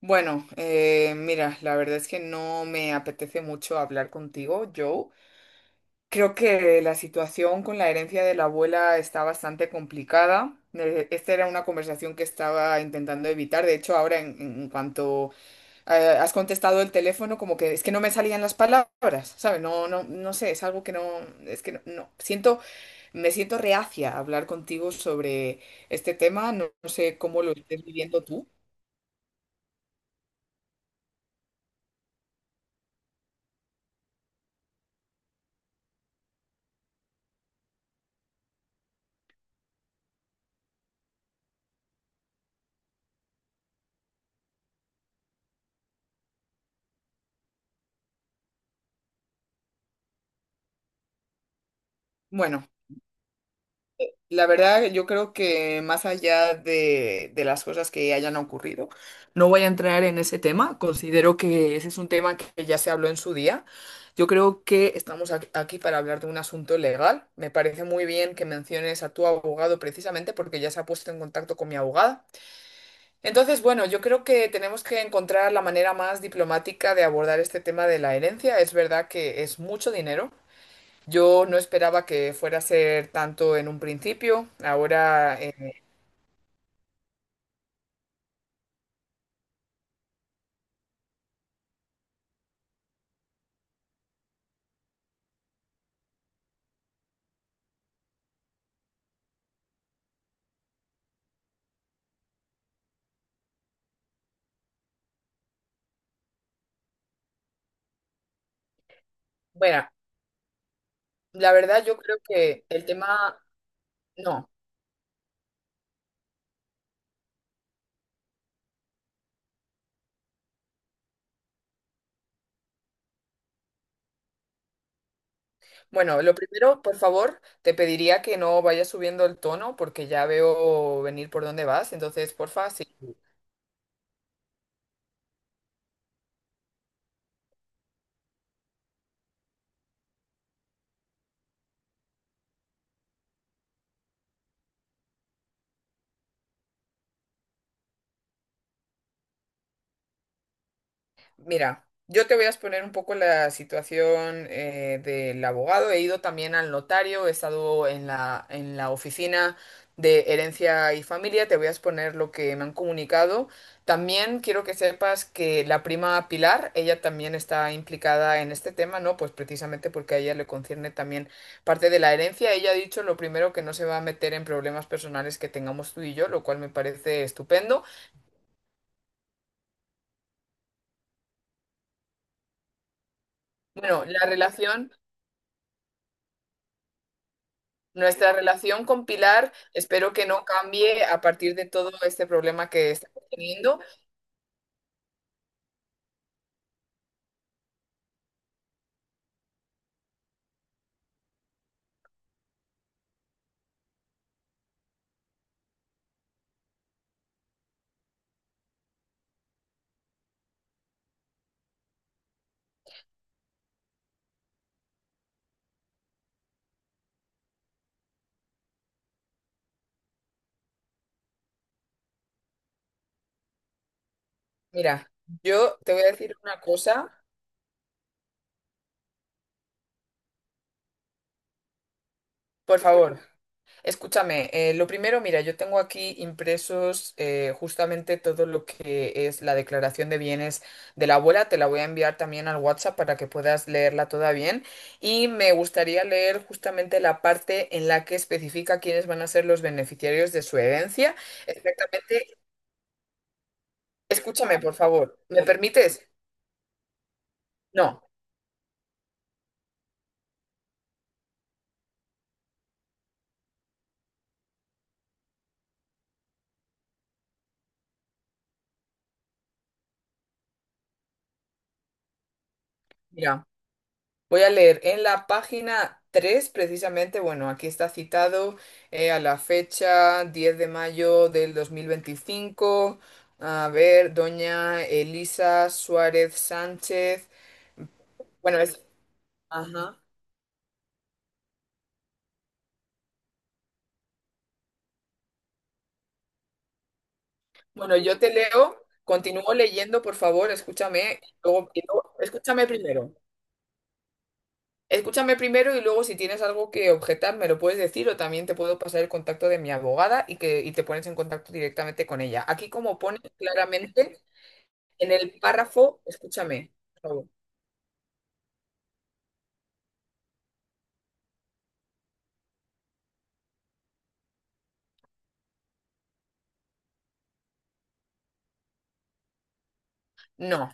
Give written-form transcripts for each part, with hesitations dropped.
Bueno, mira, la verdad es que no me apetece mucho hablar contigo, Joe. Creo que la situación con la herencia de la abuela está bastante complicada. Esta era una conversación que estaba intentando evitar. De hecho, ahora en cuanto eh, has contestado el teléfono, como que es que no me salían las palabras, ¿sabes? No, no sé, es algo que no, es que no, no. Siento, me siento reacia a hablar contigo sobre este tema. No, no sé cómo lo estés viviendo tú. Bueno. La verdad, yo creo que más allá de las cosas que hayan ocurrido, no voy a entrar en ese tema. Considero que ese es un tema que ya se habló en su día. Yo creo que estamos aquí para hablar de un asunto legal. Me parece muy bien que menciones a tu abogado precisamente porque ya se ha puesto en contacto con mi abogada. Entonces, bueno, yo creo que tenemos que encontrar la manera más diplomática de abordar este tema de la herencia. Es verdad que es mucho dinero. Yo no esperaba que fuera a ser tanto en un principio. Ahora, bueno, la verdad yo creo que el tema, no. Bueno, lo primero, por favor, te pediría que no vayas subiendo el tono porque ya veo venir por dónde vas. Entonces, porfa, si mira, yo te voy a exponer un poco la situación del abogado. He ido también al notario, he estado en en la oficina de herencia y familia. Te voy a exponer lo que me han comunicado. También quiero que sepas que la prima Pilar, ella también está implicada en este tema, ¿no? Pues precisamente porque a ella le concierne también parte de la herencia. Ella ha dicho lo primero que no se va a meter en problemas personales que tengamos tú y yo, lo cual me parece estupendo. Bueno, la relación... Nuestra relación con Pilar espero que no cambie a partir de todo este problema que estamos teniendo. Mira, yo te voy a decir una cosa, por favor, escúchame. Lo primero, mira, yo tengo aquí impresos justamente todo lo que es la declaración de bienes de la abuela. Te la voy a enviar también al WhatsApp para que puedas leerla toda bien. Y me gustaría leer justamente la parte en la que especifica quiénes van a ser los beneficiarios de su herencia. Exactamente. Escúchame, por favor. ¿Me permites? No. Mira, voy a leer en la página 3, precisamente, bueno, aquí está citado a la fecha 10 de mayo de 2025. A ver, doña Elisa Suárez Sánchez. Bueno, es... Ajá. Bueno, yo te leo, continúo leyendo, por favor, escúchame. Escúchame primero. Escúchame primero y luego si tienes algo que objetar me lo puedes decir o también te puedo pasar el contacto de mi abogada y que te pones en contacto directamente con ella. Aquí como pone claramente en el párrafo, escúchame, por favor. No.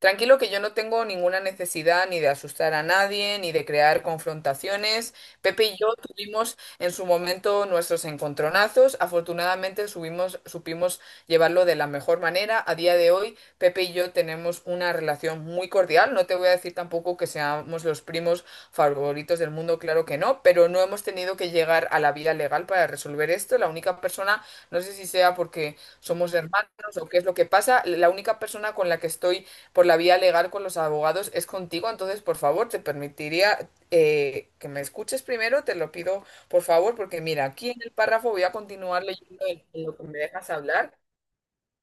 Tranquilo que yo no tengo ninguna necesidad ni de asustar a nadie, ni de crear confrontaciones. Pepe y yo tuvimos en su momento nuestros encontronazos. Afortunadamente supimos llevarlo de la mejor manera. A día de hoy, Pepe y yo tenemos una relación muy cordial. No te voy a decir tampoco que seamos los primos favoritos del mundo, claro que no, pero no hemos tenido que llegar a la vía legal para resolver esto. La única persona, no sé si sea porque somos hermanos o qué es lo que pasa, la única persona con la que estoy por la vía legal con los abogados es contigo, entonces por favor te permitiría que me escuches primero, te lo pido por favor, porque mira, aquí en el párrafo voy a continuar leyendo en lo que me dejas hablar.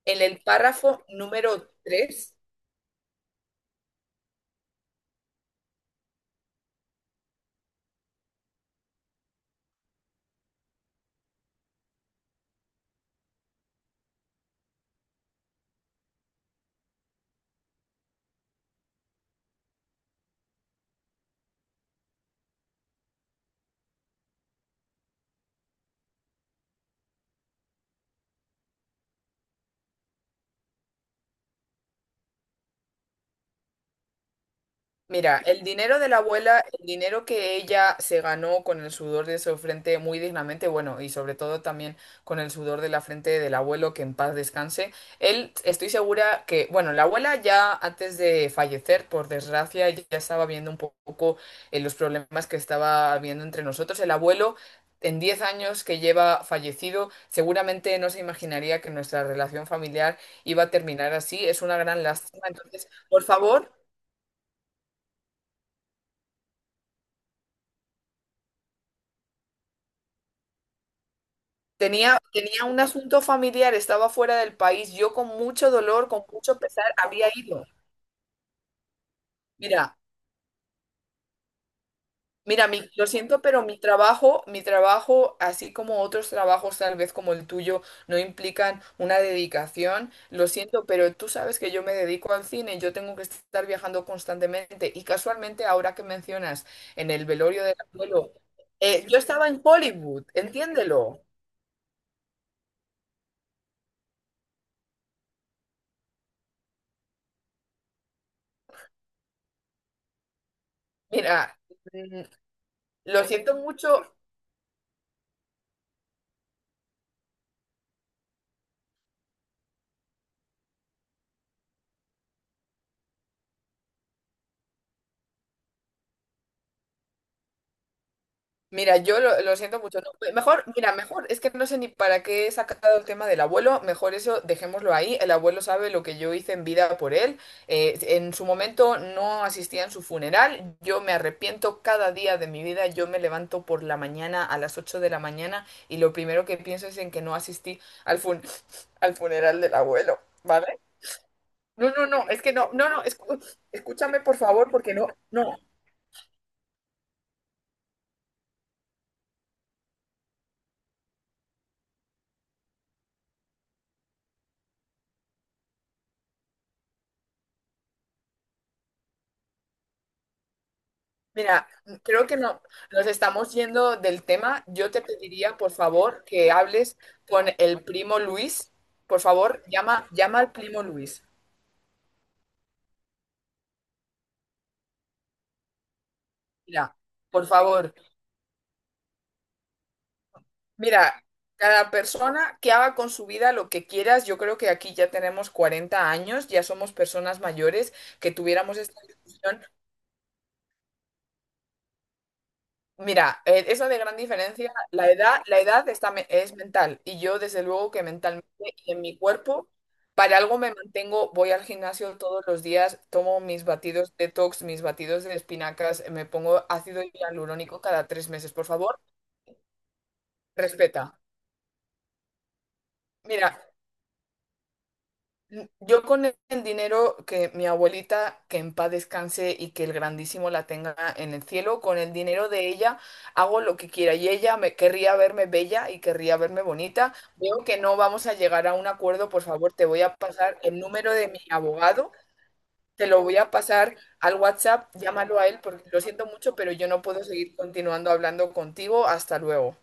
En el párrafo número 3. Mira, el dinero de la abuela, el dinero que ella se ganó con el sudor de su frente muy dignamente, bueno, y sobre todo también con el sudor de la frente del abuelo, que en paz descanse. Él, estoy segura que, bueno, la abuela ya antes de fallecer, por desgracia, ya estaba viendo un poco los problemas que estaba habiendo entre nosotros. El abuelo, en 10 años que lleva fallecido, seguramente no se imaginaría que nuestra relación familiar iba a terminar así. Es una gran lástima. Entonces, por favor. Tenía un asunto familiar, estaba fuera del país. Yo con mucho dolor, con mucho pesar, había ido. Mira, mira, lo siento, pero mi trabajo, así como otros trabajos, tal vez como el tuyo, no implican una dedicación. Lo siento, pero tú sabes que yo me dedico al cine, yo tengo que estar viajando constantemente. Y casualmente, ahora que mencionas en el velorio del abuelo, yo estaba en Hollywood, entiéndelo. Mira, mm, lo siento mucho. Mira, yo lo siento mucho. No, mejor, mira, mejor, es que no sé ni para qué he sacado el tema del abuelo, mejor eso dejémoslo ahí. El abuelo sabe lo que yo hice en vida por él. En su momento no asistía en su funeral. Yo me arrepiento cada día de mi vida. Yo me levanto por la mañana a las 8 de la mañana y lo primero que pienso es en que no asistí al al funeral del abuelo, ¿vale? No, no, es que no, escúchame por favor, porque no, no. Mira, creo que no, nos estamos yendo del tema. Yo te pediría, por favor, que hables con el primo Luis. Por favor, llama al primo Luis. Mira, por favor, mira, cada persona que haga con su vida lo que quieras, yo creo que aquí ya tenemos 40 años, ya somos personas mayores, que tuviéramos esta discusión. Mira, eso de gran diferencia, la edad está, es mental y yo desde luego que mentalmente y en mi cuerpo, para algo me mantengo, voy al gimnasio todos los días, tomo mis batidos detox, mis batidos de espinacas, me pongo ácido hialurónico cada 3 meses, por favor, respeta. Mira, yo con el dinero que mi abuelita, que en paz descanse y que el grandísimo la tenga en el cielo, con el dinero de ella hago lo que quiera y ella me querría verme bella y querría verme bonita. Veo que no vamos a llegar a un acuerdo, por favor, te voy a pasar el número de mi abogado, te lo voy a pasar al WhatsApp, llámalo a él porque lo siento mucho, pero yo no puedo seguir continuando hablando contigo. Hasta luego.